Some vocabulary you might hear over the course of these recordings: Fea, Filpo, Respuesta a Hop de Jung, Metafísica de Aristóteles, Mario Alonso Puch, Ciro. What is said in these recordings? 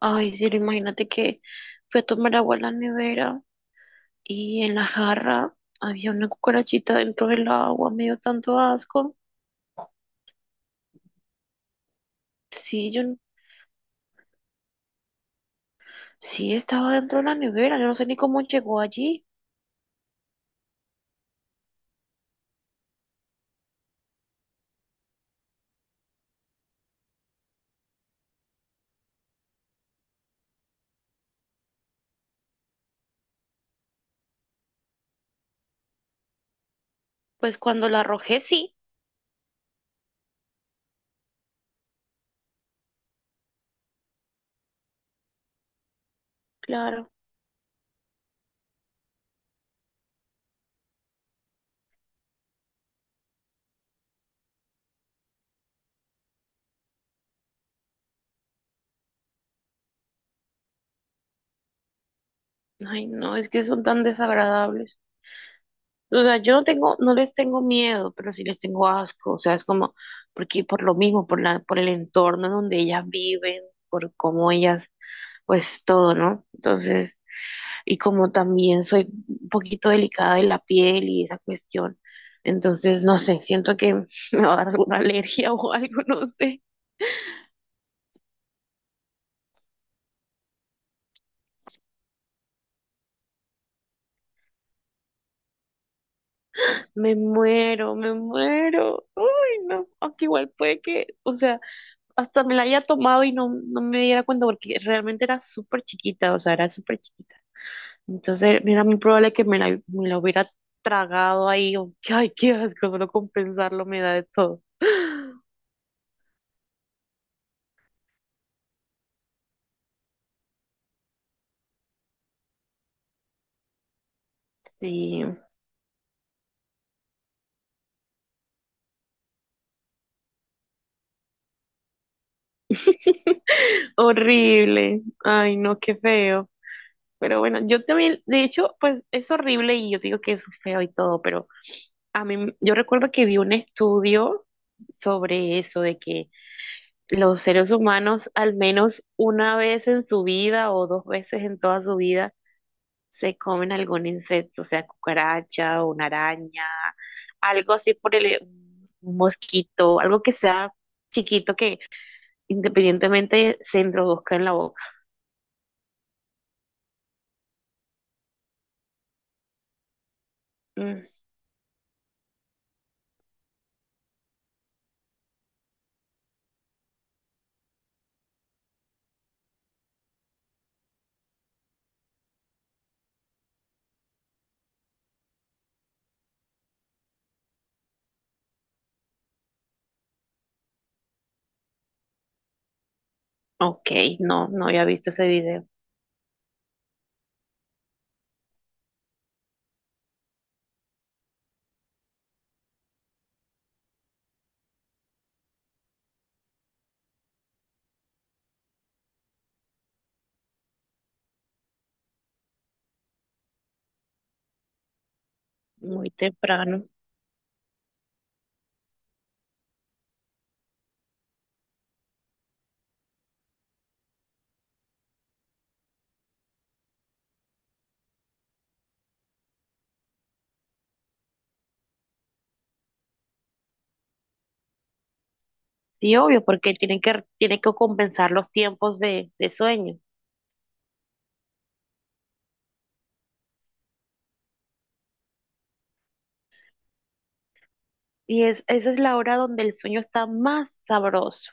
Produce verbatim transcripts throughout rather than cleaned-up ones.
Ay, Ciro, imagínate que fui a tomar agua a la nevera y en la jarra había una cucarachita dentro del agua, me dio tanto asco. Sí, yo n- sí estaba dentro de la nevera, yo no sé ni cómo llegó allí. Pues cuando la arrojé, sí, claro. Ay, no, es que son tan desagradables. O sea, yo no tengo, no les tengo miedo, pero sí les tengo asco. O sea, es como, porque por lo mismo, por la, por el entorno donde ellas viven, por cómo ellas, pues todo, ¿no? Entonces, y como también soy un poquito delicada de la piel y esa cuestión, entonces no sé, siento que me va a dar alguna alergia o algo, no sé. Me muero, me muero. Uy, no, aunque igual puede que, o sea, hasta me la haya tomado y no, no me diera cuenta porque realmente era súper chiquita, o sea, era súper chiquita. Entonces era muy probable que me la, me la hubiera tragado ahí, o- ay, qué asco, solo con pensarlo me da de todo. Sí. Horrible. Ay, no, qué feo. Pero bueno, yo también, de hecho, pues es horrible y yo digo que es feo y todo, pero a mí, yo recuerdo que vi un estudio sobre eso, de que los seres humanos al menos una vez en su vida o dos veces en toda su vida se comen algún insecto, o sea, cucaracha o una araña, algo así por el un mosquito, algo que sea chiquito que independientemente se introduzca en la boca. Mm. Ok, no, no había visto ese video muy temprano. Sí, obvio, porque tienen que, tienen que compensar los tiempos de, de sueño. Y es, esa es la hora donde el sueño está más sabroso,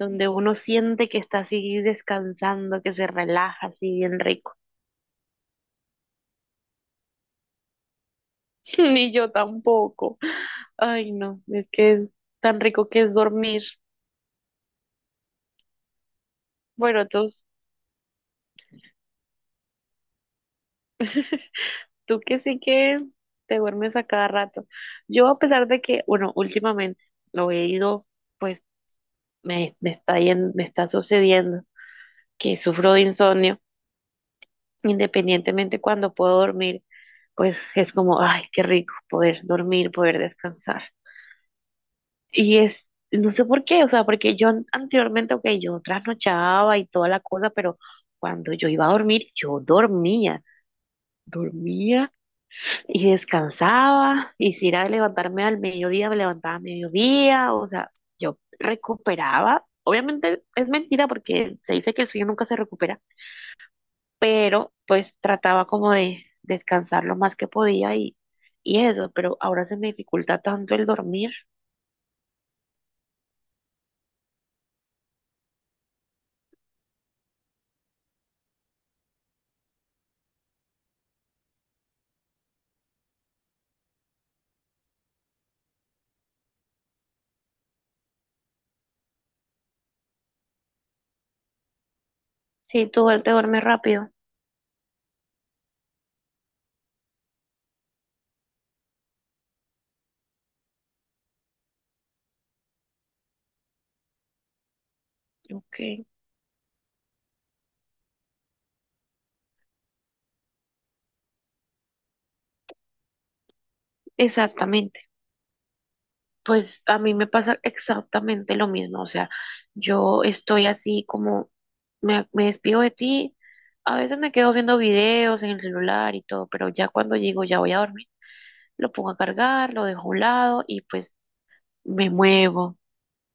donde uno siente que está así descansando, que se relaja así bien rico. Ni yo tampoco. Ay, no, es que es tan rico que es dormir. Bueno, tú, tú que sí que te duermes a cada rato. Yo, a pesar de que, bueno, últimamente lo he ido, pues me, me está yen- me está sucediendo que sufro de insomnio, independientemente cuando puedo dormir, pues es como, ay, qué rico poder dormir, poder descansar. Y es, no sé por qué, o sea, porque yo anteriormente, ok, yo trasnochaba y toda la cosa, pero cuando yo iba a dormir, yo dormía, dormía y descansaba, y si era de levantarme al mediodía, me levantaba a mediodía, o sea, yo recuperaba. Obviamente es mentira porque se dice que el sueño nunca se recupera, pero pues trataba como de descansar lo más que podía y, y eso, pero ahora se me dificulta tanto el dormir. Sí, tú duer- te duermes rápido. Ok, exactamente. Pues a mí me pasa exactamente lo mismo, o sea, yo estoy así como, me, me despido de ti, a veces me quedo viendo videos en el celular y todo, pero ya cuando llego ya voy a dormir, lo pongo a cargar, lo dejo a un lado y pues me muevo,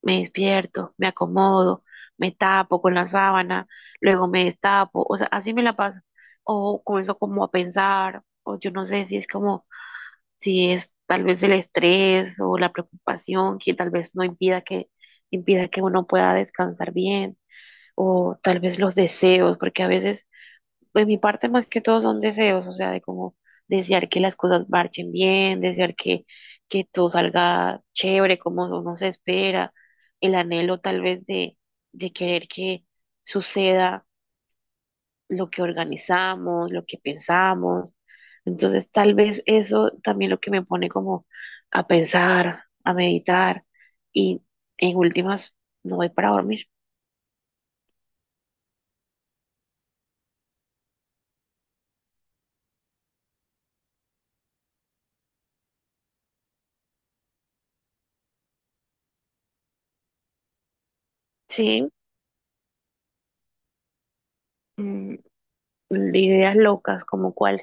me despierto, me acomodo, me tapo con la sábana, luego me destapo, o sea, así me la paso. O comienzo como a pensar, o yo no sé si es como, si es tal vez el estrés o la preocupación que tal vez no impida que, impida que uno pueda descansar bien, o tal vez los deseos, porque a veces de mi parte más que todo son deseos, o sea, de como desear que las cosas marchen bien, desear que, que todo salga chévere, como uno se espera, el anhelo tal vez de, de querer que suceda lo que organizamos, lo que pensamos. Entonces, tal vez eso también lo que me pone como a pensar, a meditar y en últimas no voy para dormir. Sí, mm, ideas locas como cuál.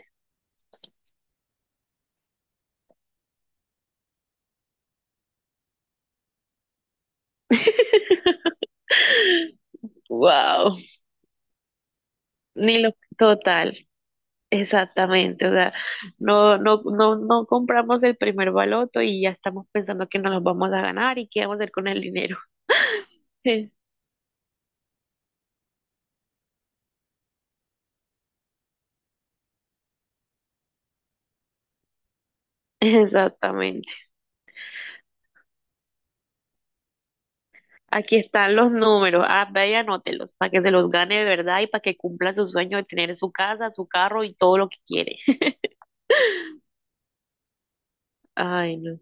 Wow, ni lo total, exactamente, o sea, no, no, no, no compramos el primer baloto y ya estamos pensando que nos los vamos a ganar y qué vamos a hacer con el dinero. Exactamente. Aquí están los números. Ah, ve y anótelos para que se los gane de verdad y para que cumpla su sueño de tener su casa, su carro y todo lo que quiere. Ay, no.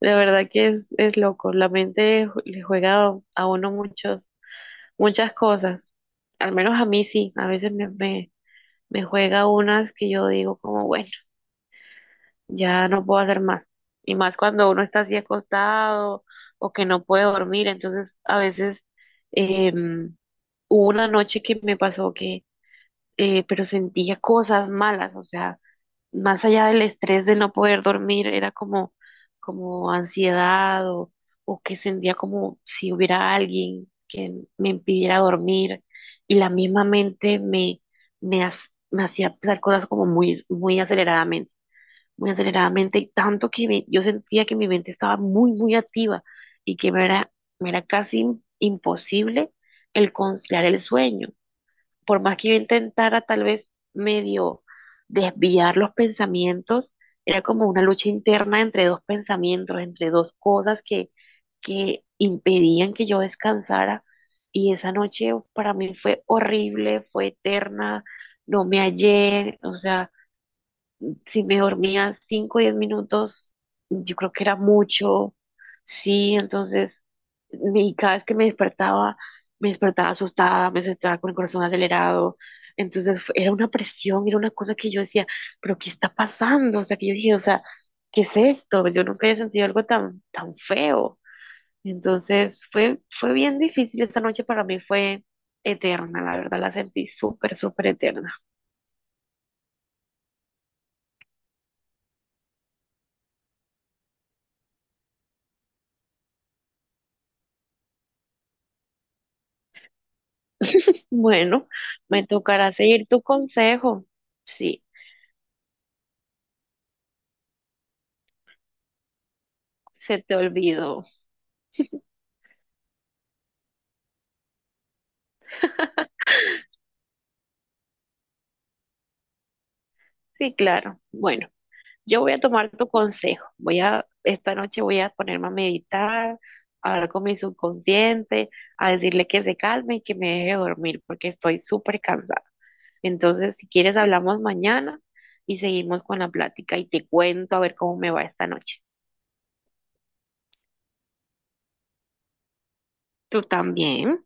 De verdad que es, es loco. La mente ju- le juega a uno muchos, muchas cosas. Al menos a mí sí. A veces me, me, me juega unas que yo digo como, bueno, ya no puedo hacer más. Y más cuando uno está así acostado o que no puede dormir, entonces a veces em, hubo una noche que me pasó que, eh, pero sentía cosas malas, o sea más allá del estrés de no poder dormir, era como, como ansiedad o, o que sentía como si hubiera alguien que me impidiera dormir y la misma mente me, me, ha- me hacía pensar cosas como muy, muy aceleradamente, muy aceleradamente y tanto que me- yo sentía que mi mente estaba muy, muy activa y que me era, me era casi imposible el conciliar el sueño por más que yo intentara tal vez medio desviar los pensamientos, era como una lucha interna entre dos pensamientos, entre dos cosas que, que impedían que yo descansara. Y esa noche para mí fue horrible, fue eterna, no me hallé, o sea, si me dormía cinco o diez minutos, yo creo que era mucho, sí, entonces, y cada vez que me despertaba, me despertaba asustada, me despertaba con el corazón acelerado, entonces fue- era una presión, era una cosa que yo decía, pero ¿qué está pasando? O sea, que yo dije, o sea, ¿qué es esto? Yo nunca había sentido algo tan, tan feo. Entonces fue, fue bien difícil, esa noche para mí fue eterna, la verdad la sentí súper, súper eterna. Bueno, me tocará seguir tu consejo. Sí, se te olvidó. Sí, claro. Bueno, yo voy a tomar tu consejo. Voy a, esta noche voy a ponerme a meditar, a hablar con mi subconsciente, a decirle que se calme y que me deje dormir porque estoy súper cansada. Entonces, si quieres, hablamos mañana y seguimos con la plática y te cuento a ver cómo me va esta noche. Tú también.